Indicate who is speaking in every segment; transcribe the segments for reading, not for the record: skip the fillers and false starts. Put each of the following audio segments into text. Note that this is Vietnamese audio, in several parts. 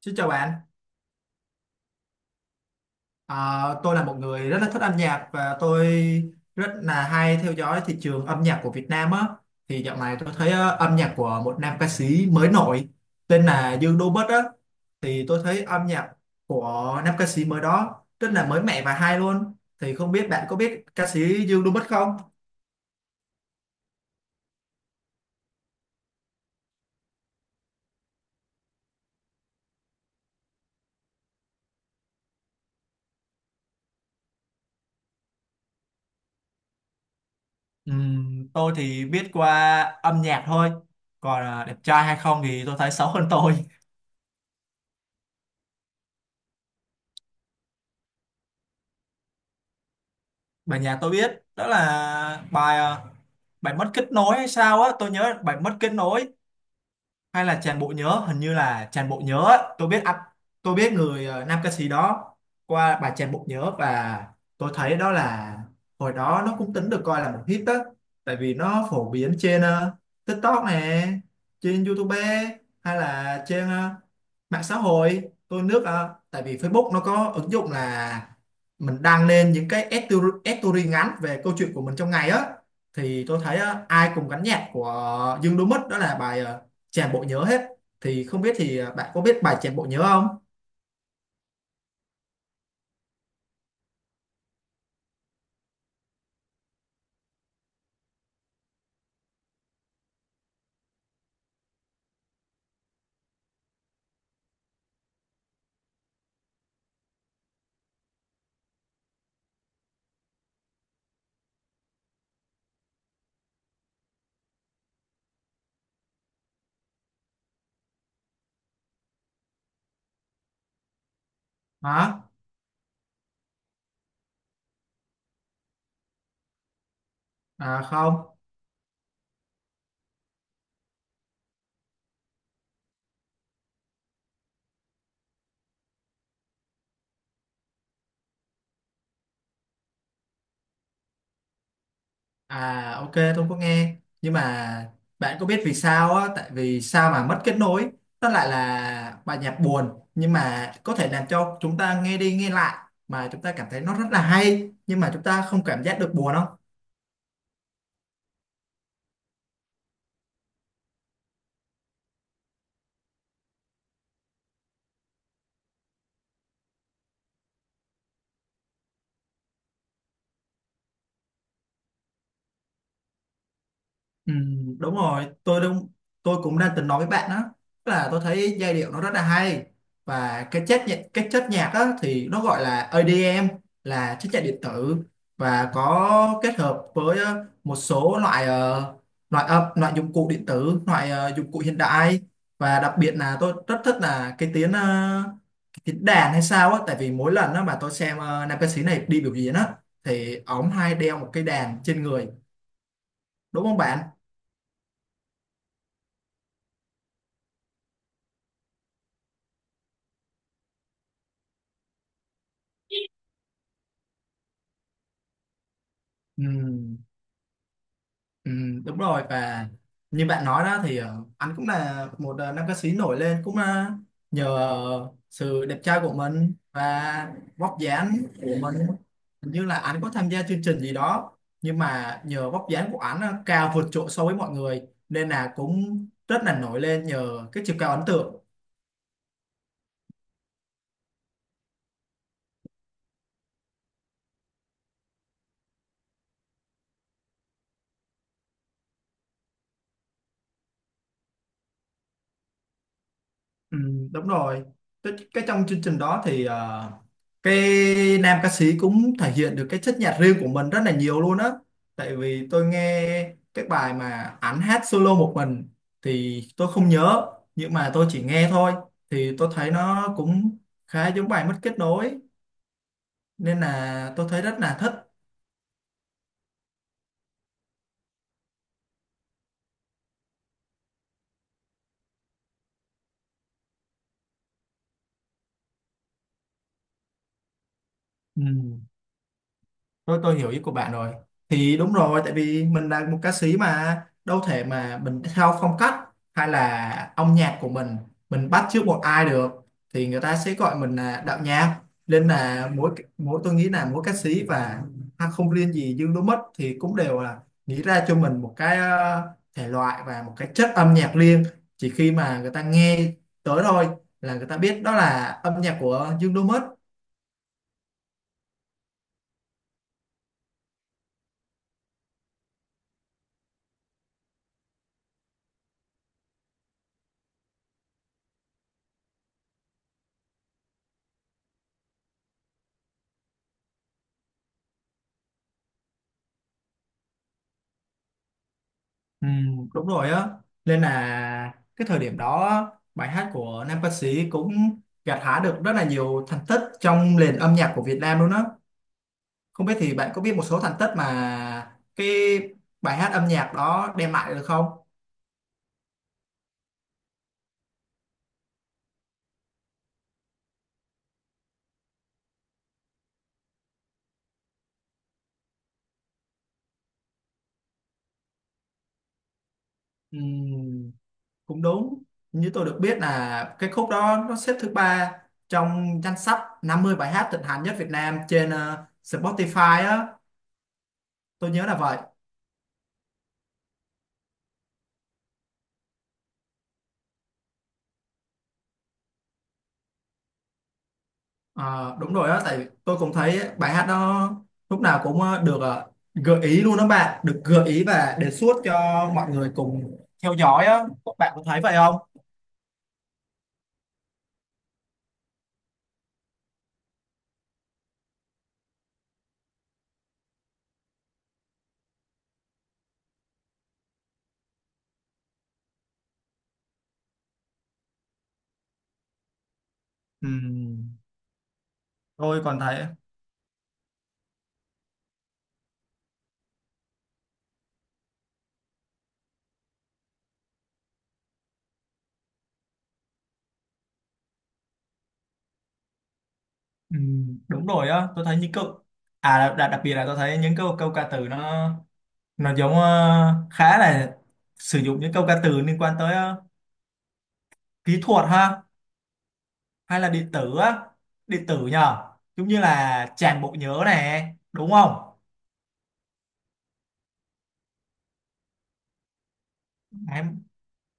Speaker 1: Xin chào bạn. Tôi là một người rất là thích âm nhạc và tôi rất là hay theo dõi thị trường âm nhạc của Việt Nam á. Thì dạo này tôi thấy âm nhạc của một nam ca sĩ mới nổi tên là Dương Đô Bất á. Thì tôi thấy âm nhạc của nam ca sĩ mới đó rất là mới mẻ và hay luôn. Thì không biết bạn có biết ca sĩ Dương Đô Bất không? Tôi thì biết qua âm nhạc thôi, còn đẹp trai hay không thì tôi thấy xấu hơn tôi. Bài nhạc tôi biết đó là bài mất kết nối hay sao á, tôi nhớ bài mất kết nối hay là tràn bộ nhớ, hình như là tràn bộ nhớ á. Tôi biết ạ, tôi biết nam ca sĩ đó qua bài tràn bộ nhớ, và tôi thấy đó là hồi đó nó cũng tính được coi là một hit đó, tại vì nó phổ biến trên TikTok nè, trên YouTube, hay là trên mạng xã hội. Tôi nước tại vì Facebook nó có ứng dụng là mình đăng lên những cái story, story ngắn về câu chuyện của mình trong ngày á. Thì tôi thấy ai cùng gắn nhạc của Dương Đỗ Mất đó là tràn bộ nhớ hết. Thì không biết thì bạn có biết bài tràn bộ nhớ không? Hả? À không. À ok, tôi không có nghe, nhưng mà bạn có biết vì sao á, tại vì sao mà mất kết nối nó lại là bài nhạc buồn, nhưng mà có thể làm cho chúng ta nghe đi nghe lại mà chúng ta cảm thấy nó rất là hay, nhưng mà chúng ta không cảm giác được buồn không? Ừ, đúng rồi, tôi đúng, tôi cũng đang từng nói với bạn đó. Tức là tôi thấy giai điệu nó rất là hay, và cái chất nhạc, cái chất nhạc đó thì nó gọi là EDM, là chất nhạc điện tử, và có kết hợp với một số loại âm, loại dụng cụ điện tử, dụng cụ hiện đại. Và đặc biệt là tôi rất thích là cái tiếng đàn hay sao á, tại vì mỗi lần đó mà tôi xem nam ca sĩ này đi biểu diễn á, thì ổng hay đeo một cái đàn trên người, đúng không bạn? Ừ. Ừ, đúng rồi, và như bạn nói đó thì anh cũng là một nam ca sĩ nổi lên cũng nhờ sự đẹp trai của mình và vóc dáng của mình. Hình như là anh có tham gia chương trình gì đó, nhưng mà nhờ vóc dáng của anh cao vượt trội so với mọi người, nên là cũng rất là nổi lên nhờ cái chiều cao ấn tượng. Ừ, đúng rồi, cái trong chương trình đó thì ờ, cái nam ca sĩ cũng thể hiện được cái chất nhạc riêng của mình rất là nhiều luôn á, tại vì tôi nghe cái bài mà ảnh hát solo một mình thì tôi không nhớ, nhưng mà tôi chỉ nghe thôi, thì tôi thấy nó cũng khá giống bài mất kết nối, nên là tôi thấy rất là thích. Ừ. Tôi hiểu ý của bạn rồi. Thì đúng rồi, tại vì mình là một ca sĩ mà đâu thể mà mình theo phong cách hay là âm nhạc của mình bắt chước một ai được, thì người ta sẽ gọi mình là đạo nhạc. Nên là mỗi mỗi tôi nghĩ là mỗi ca sĩ và ha, không riêng gì Dương Đỗ Mất thì cũng đều là nghĩ ra cho mình một cái thể loại và một cái chất âm nhạc riêng. Chỉ khi mà người ta nghe tới thôi là người ta biết đó là âm nhạc của Dương Đỗ Mất. Ừ, đúng rồi á, nên là cái thời điểm đó bài hát của nam ca sĩ cũng gặt hái được rất là nhiều thành tích trong nền âm nhạc của Việt Nam luôn á. Không biết thì bạn có biết một số thành tích mà cái bài hát âm nhạc đó đem lại được không? Ừ, cũng đúng, như tôi được biết là cái khúc đó nó xếp thứ ba trong danh sách 50 bài hát thịnh hành nhất Việt Nam trên Spotify á, tôi nhớ là vậy. Ờ, đúng rồi á, tại tôi cũng thấy bài hát đó lúc nào cũng được gợi ý luôn đó bạn, được gợi ý và đề xuất cho mọi người cùng theo dõi á, các bạn có thấy vậy không? Ừm, tôi còn thấy đúng rồi á, tôi thấy những câu à đặc biệt là tôi thấy những câu câu ca từ nó giống khá là sử dụng những câu ca từ liên quan tới kỹ thuật ha, hay là điện tử á, điện tử nhờ, giống như là tràn bộ nhớ này, đúng không? Đấy.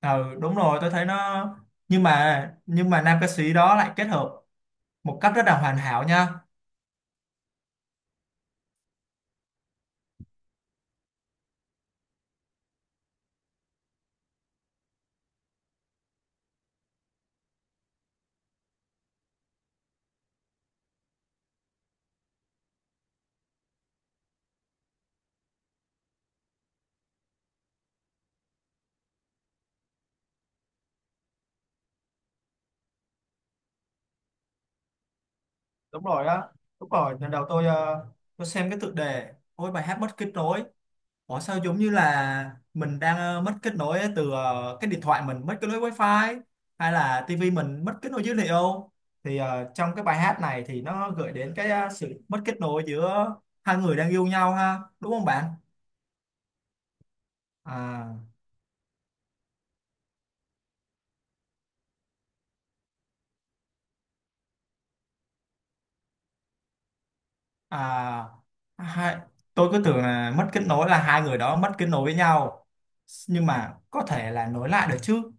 Speaker 1: Ừ, đúng rồi, tôi thấy nó, nhưng mà nam ca sĩ đó lại kết hợp một cách rất là hoàn hảo nha. Đúng rồi á, đúng rồi, lần đầu tôi xem cái tựa đề, ôi bài hát mất kết nối, ủa sao giống như là mình đang mất kết nối từ cái điện thoại, mình mất kết nối wifi, hay là tivi mình mất kết nối dữ liệu. Thì trong cái bài hát này thì nó gợi đến cái sự mất kết nối giữa hai người đang yêu nhau ha, đúng không bạn? À. À, hai, tôi cứ tưởng là mất kết nối là hai người đó mất kết nối với nhau, nhưng mà có thể là nối lại được chứ.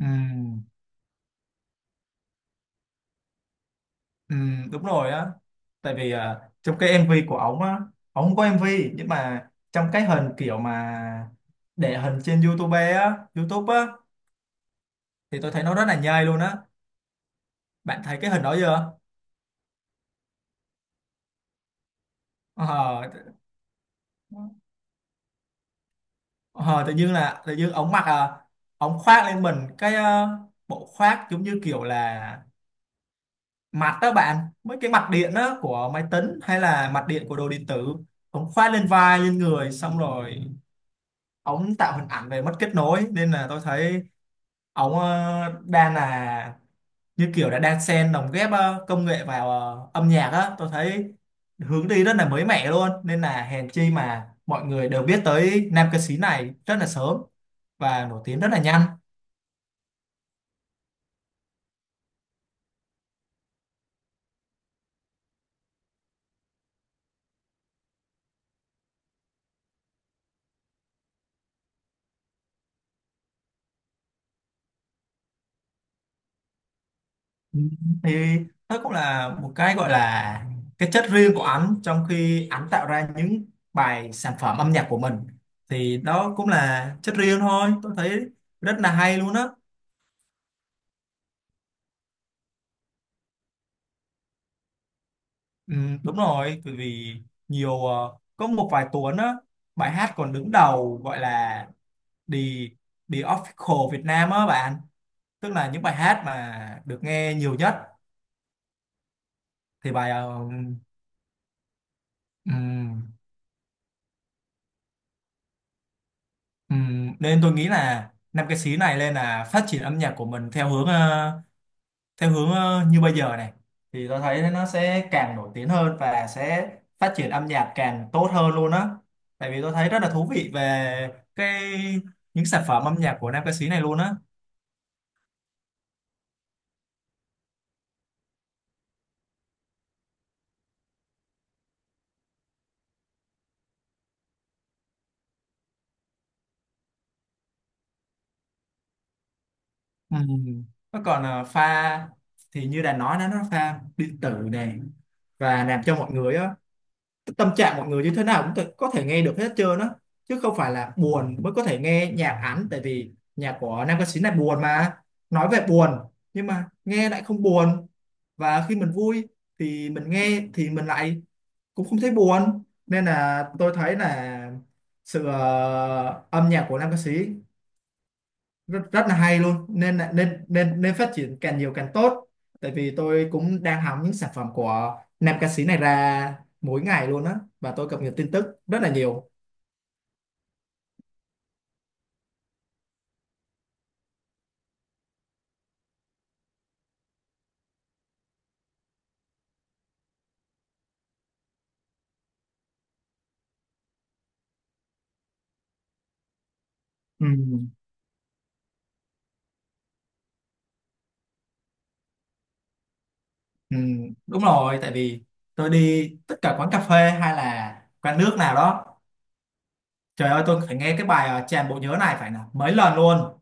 Speaker 1: Ừm, đúng rồi á, tại vì trong cái MV của ổng á, ổng không có MV, nhưng mà trong cái hình kiểu mà để hình trên YouTube á, YouTube á, thì tôi thấy nó rất là nhây luôn á, bạn thấy cái hình đó chưa? ờ, ờ, ờ, Tự nhiên là tự nhiên ổng ổng khoác lên mình cái bộ khoác giống như kiểu là mặt đó bạn, mấy cái mặt điện đó của máy tính hay là mặt điện của đồ điện tử. Ống khoác lên vai lên người xong rồi ống tạo hình ảnh về mất kết nối, nên là tôi thấy ống đang là như kiểu đã đang xen lồng ghép công nghệ vào âm nhạc á. Tôi thấy hướng đi rất là mới mẻ luôn, nên là hèn chi mà mọi người đều biết tới nam ca sĩ này rất là sớm và nổi tiếng rất là nhanh. Ừ, thì đó cũng là một cái gọi là cái chất riêng của ảnh, trong khi ảnh tạo ra những bài sản phẩm âm nhạc của mình, thì đó cũng là chất riêng thôi, tôi thấy rất là hay luôn á. Ừ, đúng rồi, bởi vì có một vài tuần á, bài hát còn đứng đầu gọi là The The Official Việt Nam á bạn, tức là những bài hát mà được nghe nhiều nhất. Thì bài uh, ừm, nên tôi nghĩ là năm ca sĩ này lên là phát triển âm nhạc của mình theo hướng như bây giờ này, thì tôi thấy nó sẽ càng nổi tiếng hơn và sẽ phát triển âm nhạc càng tốt hơn luôn á, tại vì tôi thấy rất là thú vị về cái những sản phẩm âm nhạc của nam ca sĩ này luôn á. Ừm, nó còn pha, thì như đã nói đó nó pha điện tử này, và làm cho mọi người á, tâm trạng mọi người như thế nào có thể nghe được hết trơn á, chứ không phải là buồn mới có thể nghe nhạc hắn, tại vì nhạc của nam ca sĩ này buồn mà, nói về buồn nhưng mà nghe lại không buồn, và khi mình vui thì mình nghe thì mình lại cũng không thấy buồn. Nên là tôi thấy là âm nhạc của nam ca sĩ rất rất là hay luôn, nên nên nên phát triển càng nhiều càng tốt, tại vì tôi cũng đang hóng những sản phẩm của nam ca sĩ này ra mỗi ngày luôn á, và tôi cập nhật tin tức rất là nhiều. Ừ, ừ, đúng rồi, tại vì tôi đi tất cả quán cà phê hay là quán nước nào đó, trời ơi tôi phải nghe cái bài tràn bộ nhớ này phải là mấy lần luôn.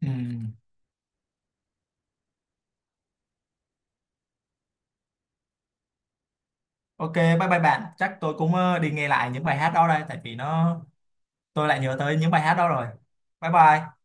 Speaker 1: Ừ. Ok, bye bye bạn, chắc tôi cũng đi nghe lại những bài hát đó đây, tại vì nó, tôi lại nhớ tới những bài hát đó rồi. Bye bye.